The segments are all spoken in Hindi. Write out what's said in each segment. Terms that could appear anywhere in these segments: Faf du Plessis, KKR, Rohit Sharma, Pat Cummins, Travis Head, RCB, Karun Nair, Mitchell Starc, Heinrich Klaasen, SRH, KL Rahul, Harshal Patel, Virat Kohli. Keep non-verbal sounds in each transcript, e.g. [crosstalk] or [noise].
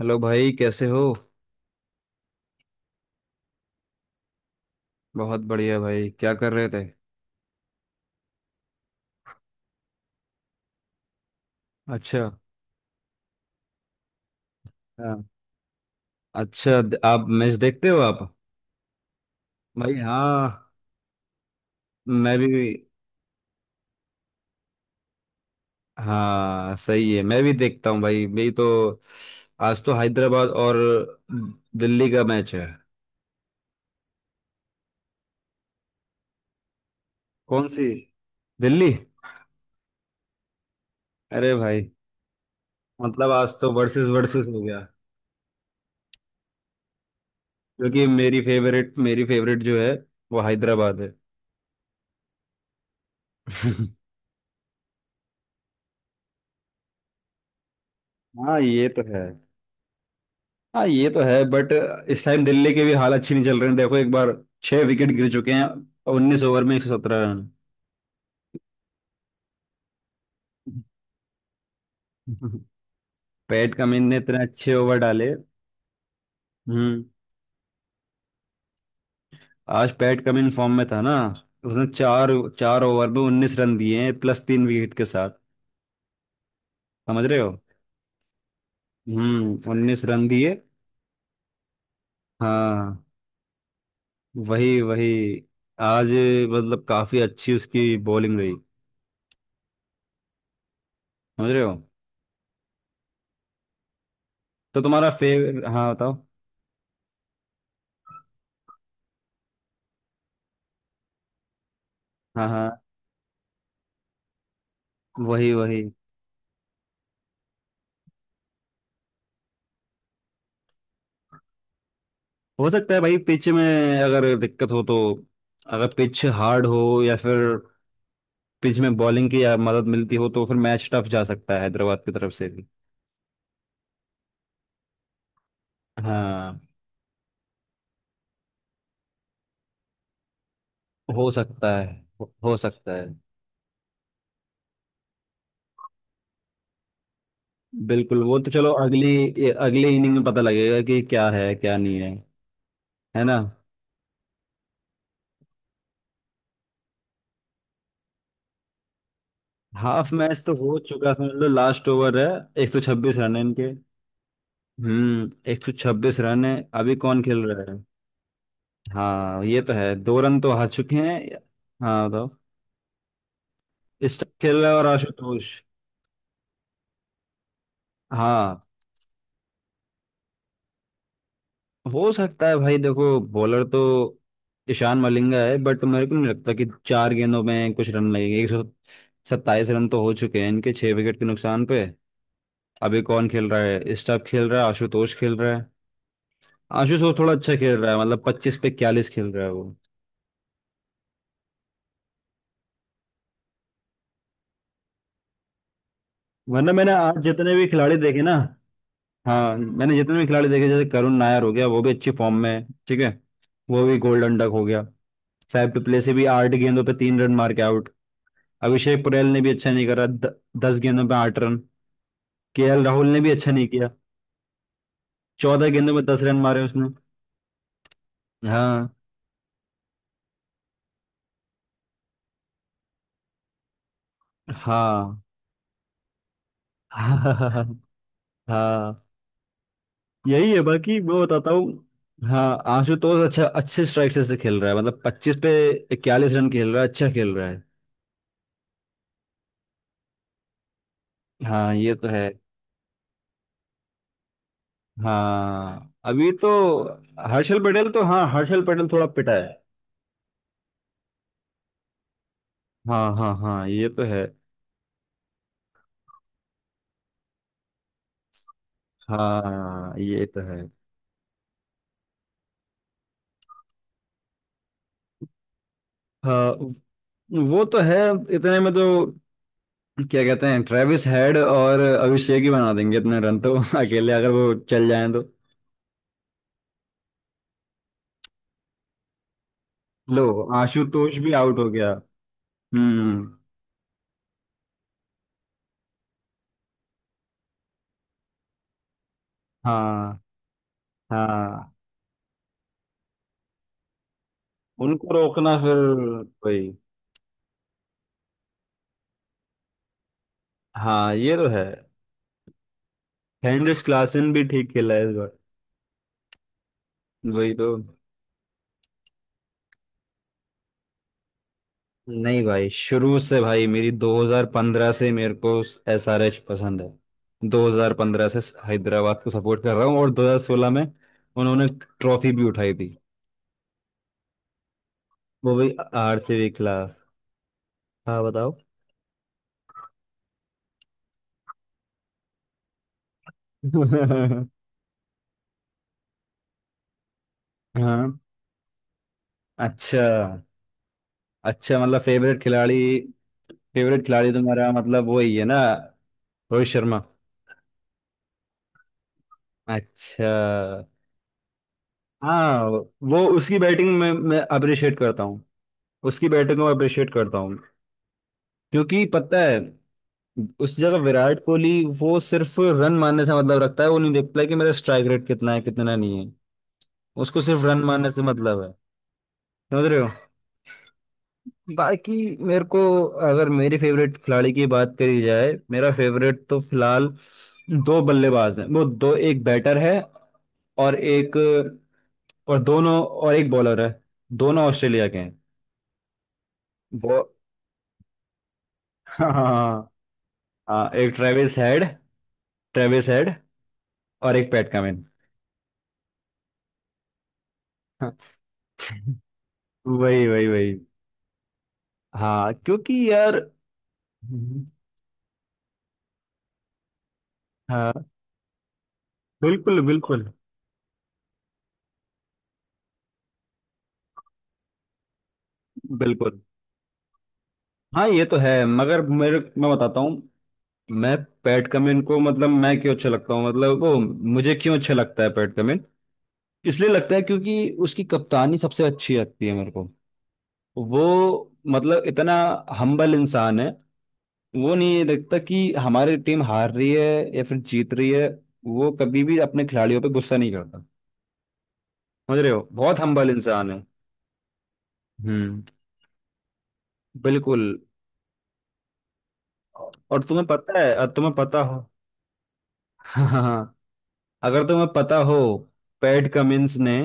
हेलो भाई कैसे हो। बहुत बढ़िया भाई क्या कर रहे थे। अच्छा। हाँ। अच्छा, आप मैच देखते हो आप। भाई हाँ, मैं भी। हाँ सही है, मैं भी देखता हूँ भाई। मेरी तो आज तो हैदराबाद और दिल्ली का मैच है। कौन सी दिल्ली? अरे भाई। मतलब आज तो वर्सेस वर्सेस हो गया। क्योंकि मेरी फेवरेट, मेरी फेवरेट जो है वो हैदराबाद है। [laughs] हाँ ये तो है। हाँ ये तो है बट इस टाइम दिल्ली के भी हाल अच्छी नहीं चल रहे हैं। देखो एक बार, 6 विकेट गिर चुके हैं। 19 ओवर में 117 रन। [laughs] पैट कमिंस ने इतने अच्छे ओवर डाले। हम्म। आज पैट कमिंस फॉर्म में था ना। उसने चार चार ओवर में 19 रन दिए हैं प्लस 3 विकेट के साथ। समझ रहे हो। 19 रन दिए। हाँ। वही वही। आज मतलब काफी अच्छी उसकी बॉलिंग रही। समझ रहे हो। तो तुम्हारा फेवर? हाँ बताओ। हाँ हाँ। वही वही। हो सकता है भाई, पिच में अगर दिक्कत हो तो, अगर पिच हार्ड हो या फिर पिच में बॉलिंग की या मदद मिलती हो तो फिर मैच टफ जा सकता है हैदराबाद की तरफ से भी। हाँ हो सकता है। हो सकता है। बिल्कुल, वो तो चलो अगली, ये अगले इनिंग में पता लगेगा कि क्या है क्या नहीं है, है ना। हाफ मैच तो हो चुका समझ लो, लास्ट ओवर है। 126 रन है इनके। 126 रन है। अभी कौन खेल रहा है? हाँ ये तो है, 2 रन तो हार चुके हैं। हाँ बताओ। स्टम्पिस और आशुतोष। हाँ। हो सकता है भाई, देखो बॉलर तो ईशान मलिंगा है बट मेरे को नहीं लगता कि 4 गेंदों में कुछ रन लगेंगे। 127 रन तो हो चुके हैं इनके 6 विकेट के नुकसान पे। अभी कौन खेल रहा है? स्टम्प खेल रहा है, आशुतोष खेल रहा है। आशुतोष थोड़ा अच्छा खेल रहा है, मतलब 25 पे 41 खेल रहा है वो। वरना मैंने आज जितने भी खिलाड़ी देखे ना। हाँ मैंने जितने भी खिलाड़ी देखे, जैसे करुण नायर हो गया, वो भी अच्छी फॉर्म में है। ठीक है। वो भी गोल्डन डक हो गया। फैफ डुप्लेसी से भी 8 गेंदों पे 3 रन मार के आउट। अभिषेक पुरेल ने भी अच्छा नहीं करा, 10 गेंदों पे 8 रन। केएल राहुल ने भी अच्छा नहीं किया। 14 गेंदों में 10 रन मारे उसने। हाँ हाँ। [laughs] हाँ हाँ। यही है बाकी, मैं बताता हूँ। हाँ आशुतोष अच्छा, अच्छे स्ट्राइक से खेल रहा है। मतलब पच्चीस पे 41 रन खेल रहा है, अच्छा खेल रहा है। हाँ ये तो है। हाँ अभी तो हर्षल पटेल तो, हाँ हर्षल पटेल थोड़ा पिटा है। हाँ हाँ हाँ ये तो है। हाँ ये तो है। हाँ वो तो है। इतने में तो क्या कहते हैं, ट्रेविस हेड और अभिषेक ही बना देंगे इतने रन तो। [laughs] अकेले अगर वो चल जाए तो। लो, आशुतोष भी आउट हो गया। हम्म। हाँ हाँ। उनको रोकना फिर। वही। हाँ ये तो है। हेनरिच क्लासन भी ठीक खेला है इस बार। वही तो। नहीं भाई, शुरू से भाई मेरी 2015 से मेरे को एसआरएच पसंद है। 2015 से हैदराबाद को सपोर्ट कर रहा हूँ और 2016 में उन्होंने ट्रॉफी भी उठाई थी। वो भी आरसीबी के खिलाफ। हाँ बताओ। [laughs] हाँ। अच्छा। अच्छा, मतलब फेवरेट खिलाड़ी? फेवरेट खिलाड़ी तुम्हारा मतलब वही है ना, रोहित शर्मा। अच्छा। हाँ, वो उसकी बैटिंग में मैं अप्रिशिएट करता हूँ। उसकी बैटिंग को अप्रिशिएट करता हूँ क्योंकि पता है, उस जगह विराट कोहली वो सिर्फ रन मारने से मतलब रखता है, वो नहीं देखता है कि मेरा स्ट्राइक रेट कितना है कितना नहीं है। उसको सिर्फ रन मारने से मतलब है, समझ रहे हो। बाकी मेरे को, अगर मेरी फेवरेट खिलाड़ी की बात करी जाए, मेरा फेवरेट तो फिलहाल दो बल्लेबाज हैं। वो दो, एक बैटर है और एक, और दोनों, और एक बॉलर है। दोनों ऑस्ट्रेलिया के हैं। वो [laughs] हाँ हाँ, हाँ, एक ट्रेविस हेड। ट्रेविस हेड और एक पैट कमिंस। [laughs] वही वही वही। हाँ क्योंकि यार। हम्म। हाँ बिल्कुल बिल्कुल। बिल्कुल। हाँ ये तो है मगर मेरे, मैं बताता हूँ। मैं पैट कमिंस को, मतलब मैं क्यों अच्छा लगता हूँ, मतलब वो मुझे क्यों अच्छा लगता है पैट कमिंस, इसलिए लगता है क्योंकि उसकी कप्तानी सबसे अच्छी लगती है मेरे को। वो मतलब इतना हम्बल इंसान है। वो नहीं देखता कि हमारी टीम हार रही है या फिर जीत रही है। वो कभी भी अपने खिलाड़ियों पे गुस्सा नहीं करता। समझ रहे हो, बहुत हम्बल इंसान है। हम्म। बिल्कुल। और तुम्हें पता है, और तुम्हें पता हो, [laughs] हाँ, अगर तुम्हें पता हो, पैट कमिंस ने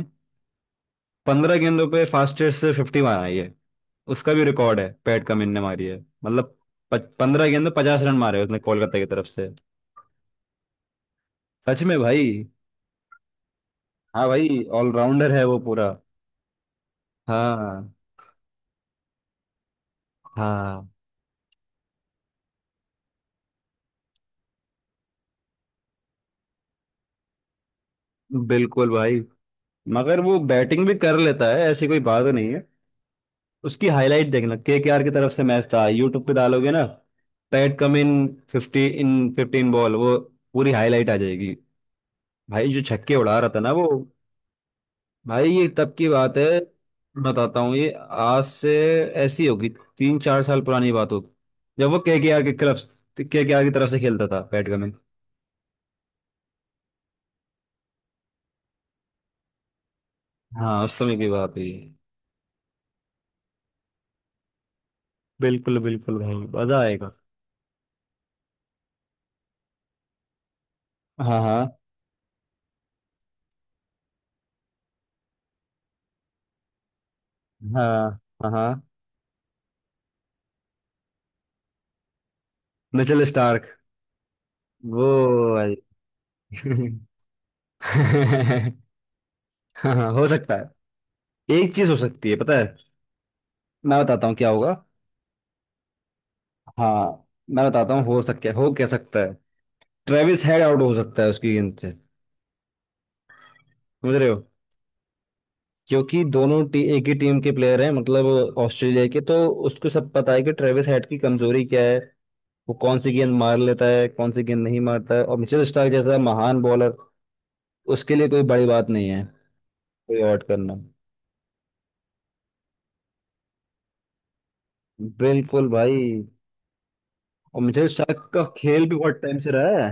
15 गेंदों पे फास्टेस्ट से फिफ्टी मारी है। उसका भी रिकॉर्ड है, पैट कमिंस ने मारी है। मतलब 15 गेंदों 50 रन मारे उसने कोलकाता की तरफ से। सच में भाई। हाँ भाई, ऑलराउंडर है वो पूरा। हाँ हाँ। बिल्कुल भाई। मगर वो बैटिंग भी कर लेता है, ऐसी कोई बात नहीं है। उसकी हाईलाइट देखना, के आर की तरफ से मैच था, यूट्यूब पे डालोगे ना Pat Cummins fifty in fifteen ball, वो पूरी हाईलाइट आ जाएगी। भाई जो छक्के उड़ा रहा था ना वो। भाई ये तब की बात है। बताता हूँ, ये आज से ऐसी होगी तीन चार साल पुरानी बात होगी। जब वो के आर के क्लब, के आर की तरफ से खेलता था पैट कम इन। हाँ उस समय की बात है ये। बिल्कुल बिल्कुल भाई। मजा आएगा। हाँ हाँ हाँ। हाँ हाँ। Mitchell Starc. वो भाई [laughs] हाँ हाँ, हो सकता है। एक चीज हो सकती है, पता है। मैं बताता हूँ क्या होगा। हाँ मैं बताता हूँ हो सकता है, हो क्या सकता है। ट्रेविस हेड आउट हो सकता है उसकी गेंद से। समझ रहे हो। क्योंकि दोनों एक ही टीम के प्लेयर हैं, मतलब ऑस्ट्रेलिया के। तो उसको सब पता है कि ट्रेविस हेड की कमजोरी क्या है। वो कौन सी गेंद मार लेता है, कौन सी गेंद नहीं मारता है, और मिचेल स्टार्क जैसा महान बॉलर, उसके लिए कोई बड़ी बात नहीं है कोई आउट करना। बिल्कुल भाई। और मिचेल स्टार्क का खेल भी बहुत टाइम से रहा है।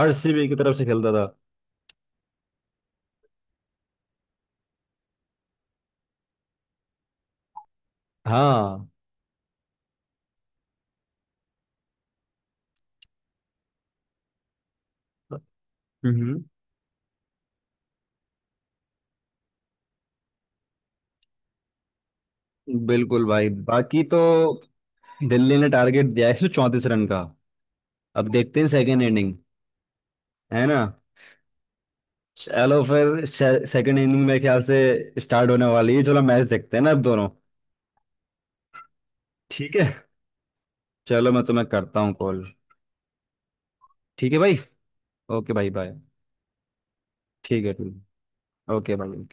आरसीबी की तरफ से खेलता था। हाँ। हम्म। बिल्कुल भाई, बाकी तो दिल्ली ने टारगेट दिया है 134 रन का। अब देखते हैं सेकेंड इनिंग, है ना। चलो फिर सेकेंड इनिंग मेरे ख्याल से स्टार्ट होने वाली है। चलो मैच देखते हैं ना अब दोनों। ठीक है, चलो मैं तुम्हें करता हूँ कॉल। ठीक है भाई। ओके भाई बाय। ठीक है ठीक। ओके भाई।